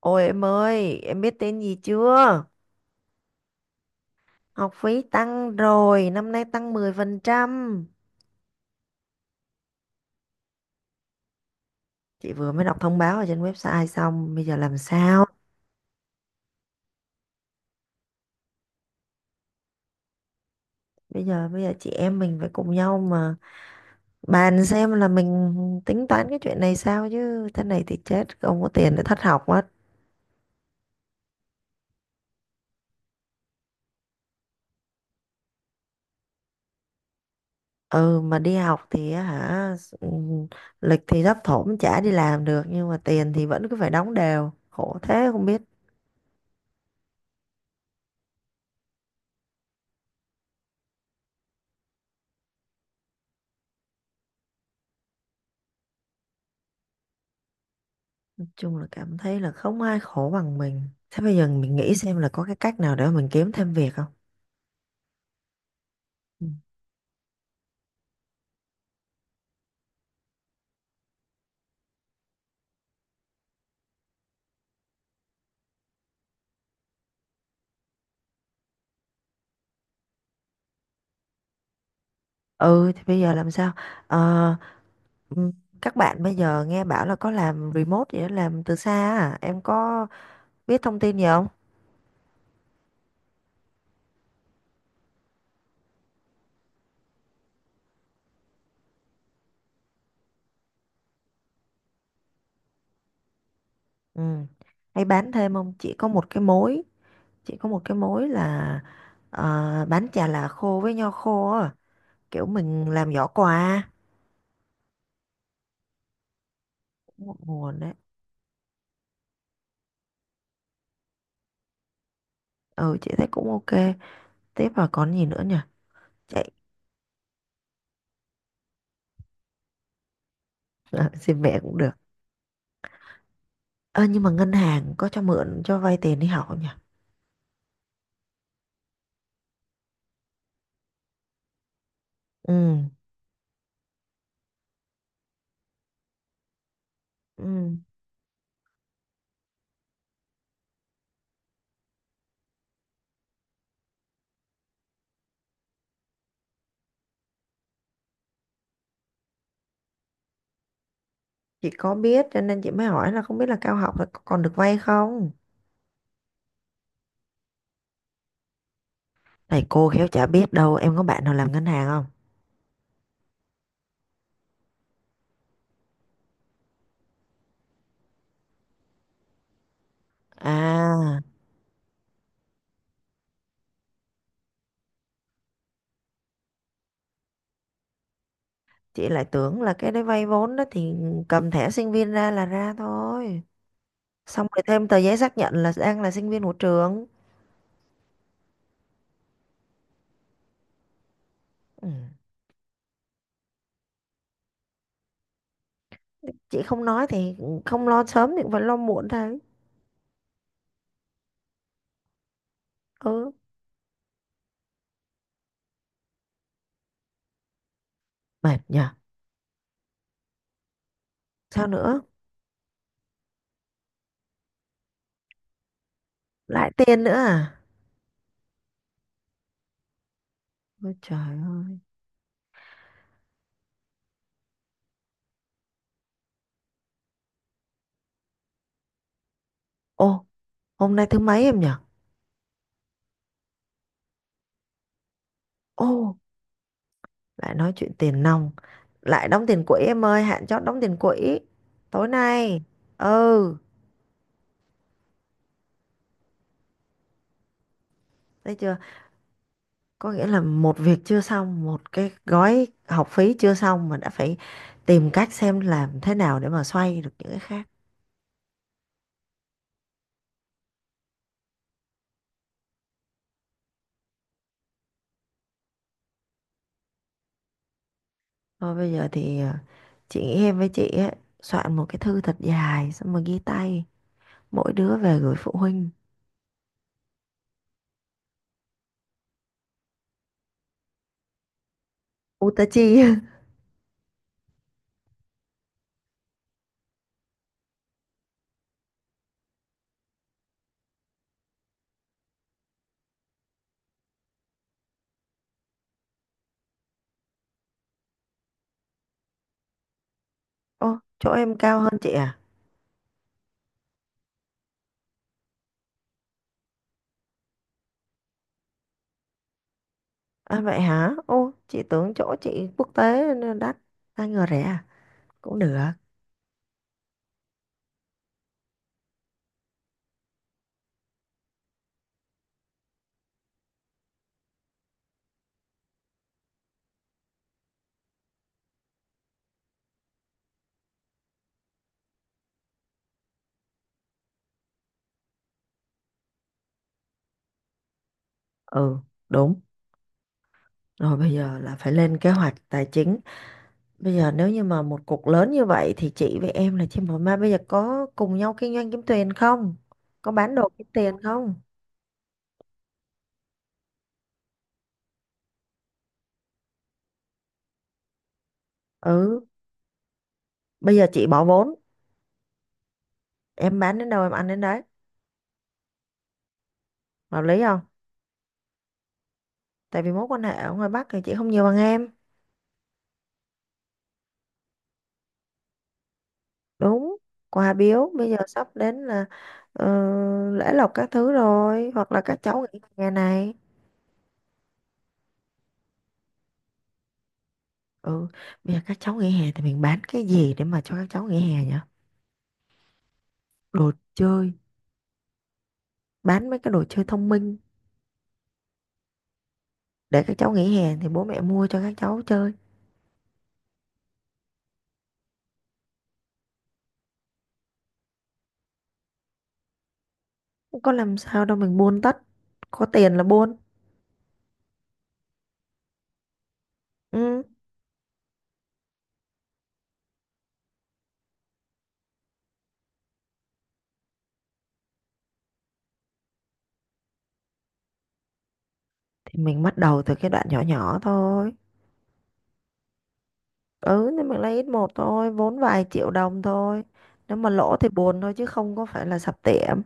Ôi em ơi, em biết tên gì chưa? Học phí tăng rồi, năm nay tăng 10%. Chị vừa mới đọc thông báo ở trên website xong, bây giờ làm sao? Bây giờ chị em mình phải cùng nhau mà bàn xem là mình tính toán cái chuyện này sao chứ thế này thì chết, không có tiền để thất học mất. Ừ mà đi học thì á hả ừ, lịch thì thấp thỏm chả đi làm được nhưng mà tiền thì vẫn cứ phải đóng đều. Khổ thế không biết chung là cảm thấy là không ai khổ bằng mình, thế bây giờ mình nghĩ xem là có cái cách nào để mà mình kiếm thêm việc không. Ừ. Ừ thì bây giờ làm sao? Ờ, ừm, các bạn bây giờ nghe bảo là có làm remote vậy đó, làm từ xa, à em có biết thông tin gì không? Ừ, hay bán thêm không, chỉ có một cái mối, chỉ có một cái mối là bán chà là khô với nho khô á, kiểu mình làm giỏ quà. Cũng một nguồn đấy, ừ chị thấy cũng ok, tiếp vào còn gì nữa nhỉ? Chạy. À, xin mẹ cũng được. Ơ, nhưng mà ngân hàng có cho mượn cho vay tiền đi học không nhỉ? Ừ, ừ. Chị có biết cho nên chị mới hỏi là không biết là cao học là có còn được vay không? Này cô khéo chả biết đâu, em có bạn nào làm ngân hàng không? À, chị lại tưởng là cái đấy vay vốn đó thì cầm thẻ sinh viên ra là ra thôi. Xong rồi thêm tờ giấy xác nhận là đang là sinh viên của trường. Ừ. Chị không nói thì không lo sớm thì cũng phải lo muộn thôi. Ừ, mệt nhỉ. Sao nữa? Lại tiền nữa à? Ôi trời ơi. Ô, hôm nay thứ mấy em nhỉ? Ô, lại nói chuyện tiền nong. Lại đóng tiền quỹ em ơi, hạn chót đóng tiền quỹ. Tối nay. Ừ, thấy chưa? Có nghĩa là một việc chưa xong, một cái gói học phí chưa xong mà đã phải tìm cách xem làm thế nào để mà xoay được những cái khác. Thôi bây giờ thì chị nghĩ em với chị ấy, soạn một cái thư thật dài xong rồi ghi tay. Mỗi đứa về gửi phụ huynh. U ta chi? Ô, chỗ em cao hơn chị à? À vậy hả? Ô, chị tưởng chỗ chị quốc tế nên đắt, ai ngờ rẻ à? Cũng được. Ừ, đúng. Rồi bây giờ là phải lên kế hoạch tài chính. Bây giờ nếu như mà một cục lớn như vậy thì chị với em là chị mà bây giờ có cùng nhau kinh doanh kiếm tiền không? Có bán đồ kiếm tiền không? Ừ, bây giờ chị bỏ vốn, em bán đến đâu em ăn đến đấy. Hợp lý không? Tại vì mối quan hệ ở ngoài Bắc thì chị không nhiều bằng em. Đúng, quà biếu bây giờ sắp đến là ờ, lễ lộc các thứ rồi hoặc là các cháu nghỉ hè này. Ừ, bây giờ các cháu nghỉ hè thì mình bán cái gì để mà cho các cháu nghỉ hè nhỉ? Đồ chơi, bán mấy cái đồ chơi thông minh để các cháu nghỉ hè thì bố mẹ mua cho các cháu chơi. Không có làm sao đâu, mình buôn tất, có tiền là buôn. Ừ thì mình bắt đầu từ cái đoạn nhỏ nhỏ thôi, ừ thì mình lấy ít một thôi, vốn vài triệu đồng thôi, nếu mà lỗ thì buồn thôi chứ không có phải là sập tiệm.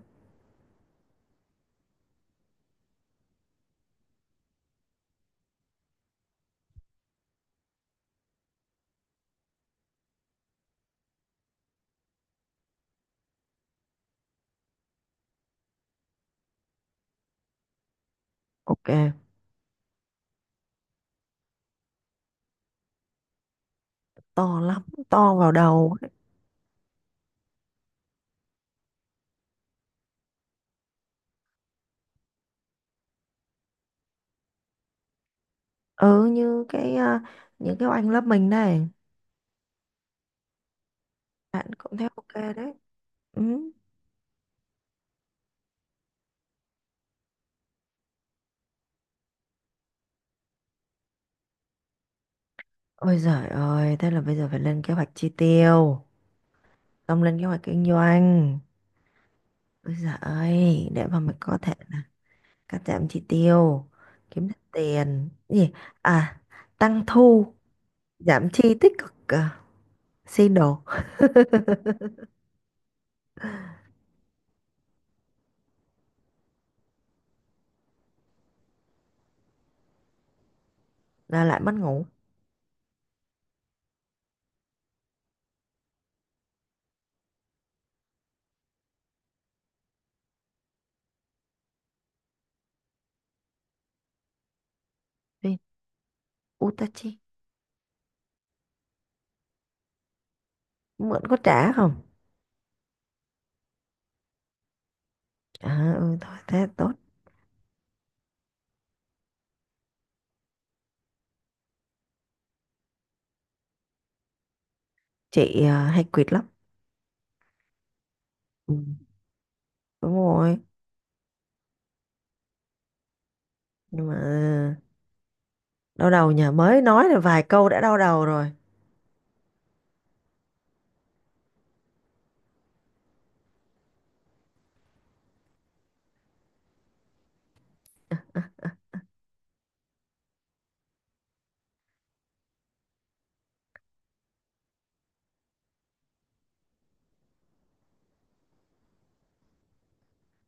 Ok, to lắm, to vào đầu ấy. Ừ như những cái oanh lớp mình này, bạn cũng thấy ok đấy. Ừ. Ôi giời ơi, thế là bây giờ phải lên kế hoạch chi tiêu, xong lên kế hoạch kinh doanh. Ôi giời ơi, để mà mình có thể là cắt giảm chi tiêu, kiếm được tiền gì, à tăng thu giảm chi tích cực, xin đồ. Là lại mất ngủ. Đi, Utachi. Mượn có trả không? À, ừ, thôi thế tốt. Chị à, hay quỵt lắm. Ừ. Đúng rồi, nhưng mà đau đầu, nhà mới nói là vài câu đã đau đầu rồi.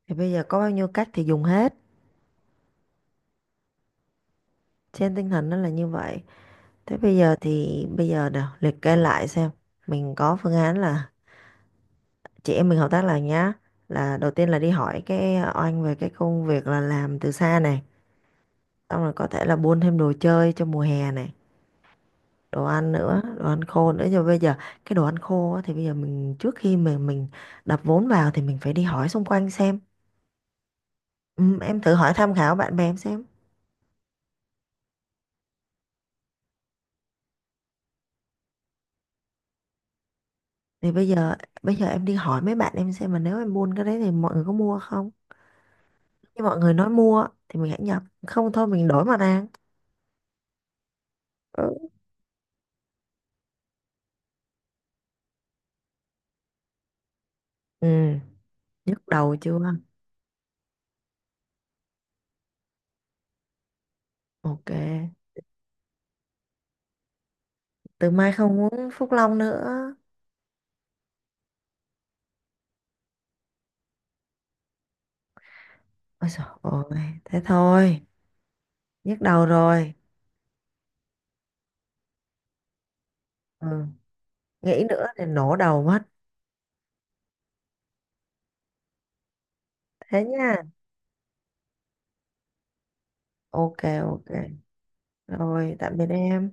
Thì bây giờ có bao nhiêu cách thì dùng hết, trên tinh thần nó là như vậy. Thế bây giờ thì bây giờ nào liệt kê lại xem mình có phương án là chị em mình hợp tác lại nhá. Là đầu tiên là đi hỏi cái oanh về cái công việc là làm từ xa này, xong rồi có thể là buôn thêm đồ chơi cho mùa hè này, đồ ăn nữa, đồ ăn khô nữa. Nhưng bây giờ cái đồ ăn khô á, thì bây giờ mình trước khi mà mình đập vốn vào thì mình phải đi hỏi xung quanh xem. Ừ, em thử hỏi tham khảo bạn bè em xem. Thì bây giờ, em đi hỏi mấy bạn em xem mà nếu em buôn cái đấy thì mọi người có mua không? Khi mọi người nói mua thì mình hãy nhập, không thôi mình đổi mà ra. Ừ. Ừ, nhức đầu chưa? Ok, từ mai không uống Phúc Long nữa. Ôi trời ơi, thế thôi, nhức đầu rồi. Ừ, nghĩ nữa thì nổ đầu mất. Thế nha. Ok, ok. Rồi, tạm biệt em.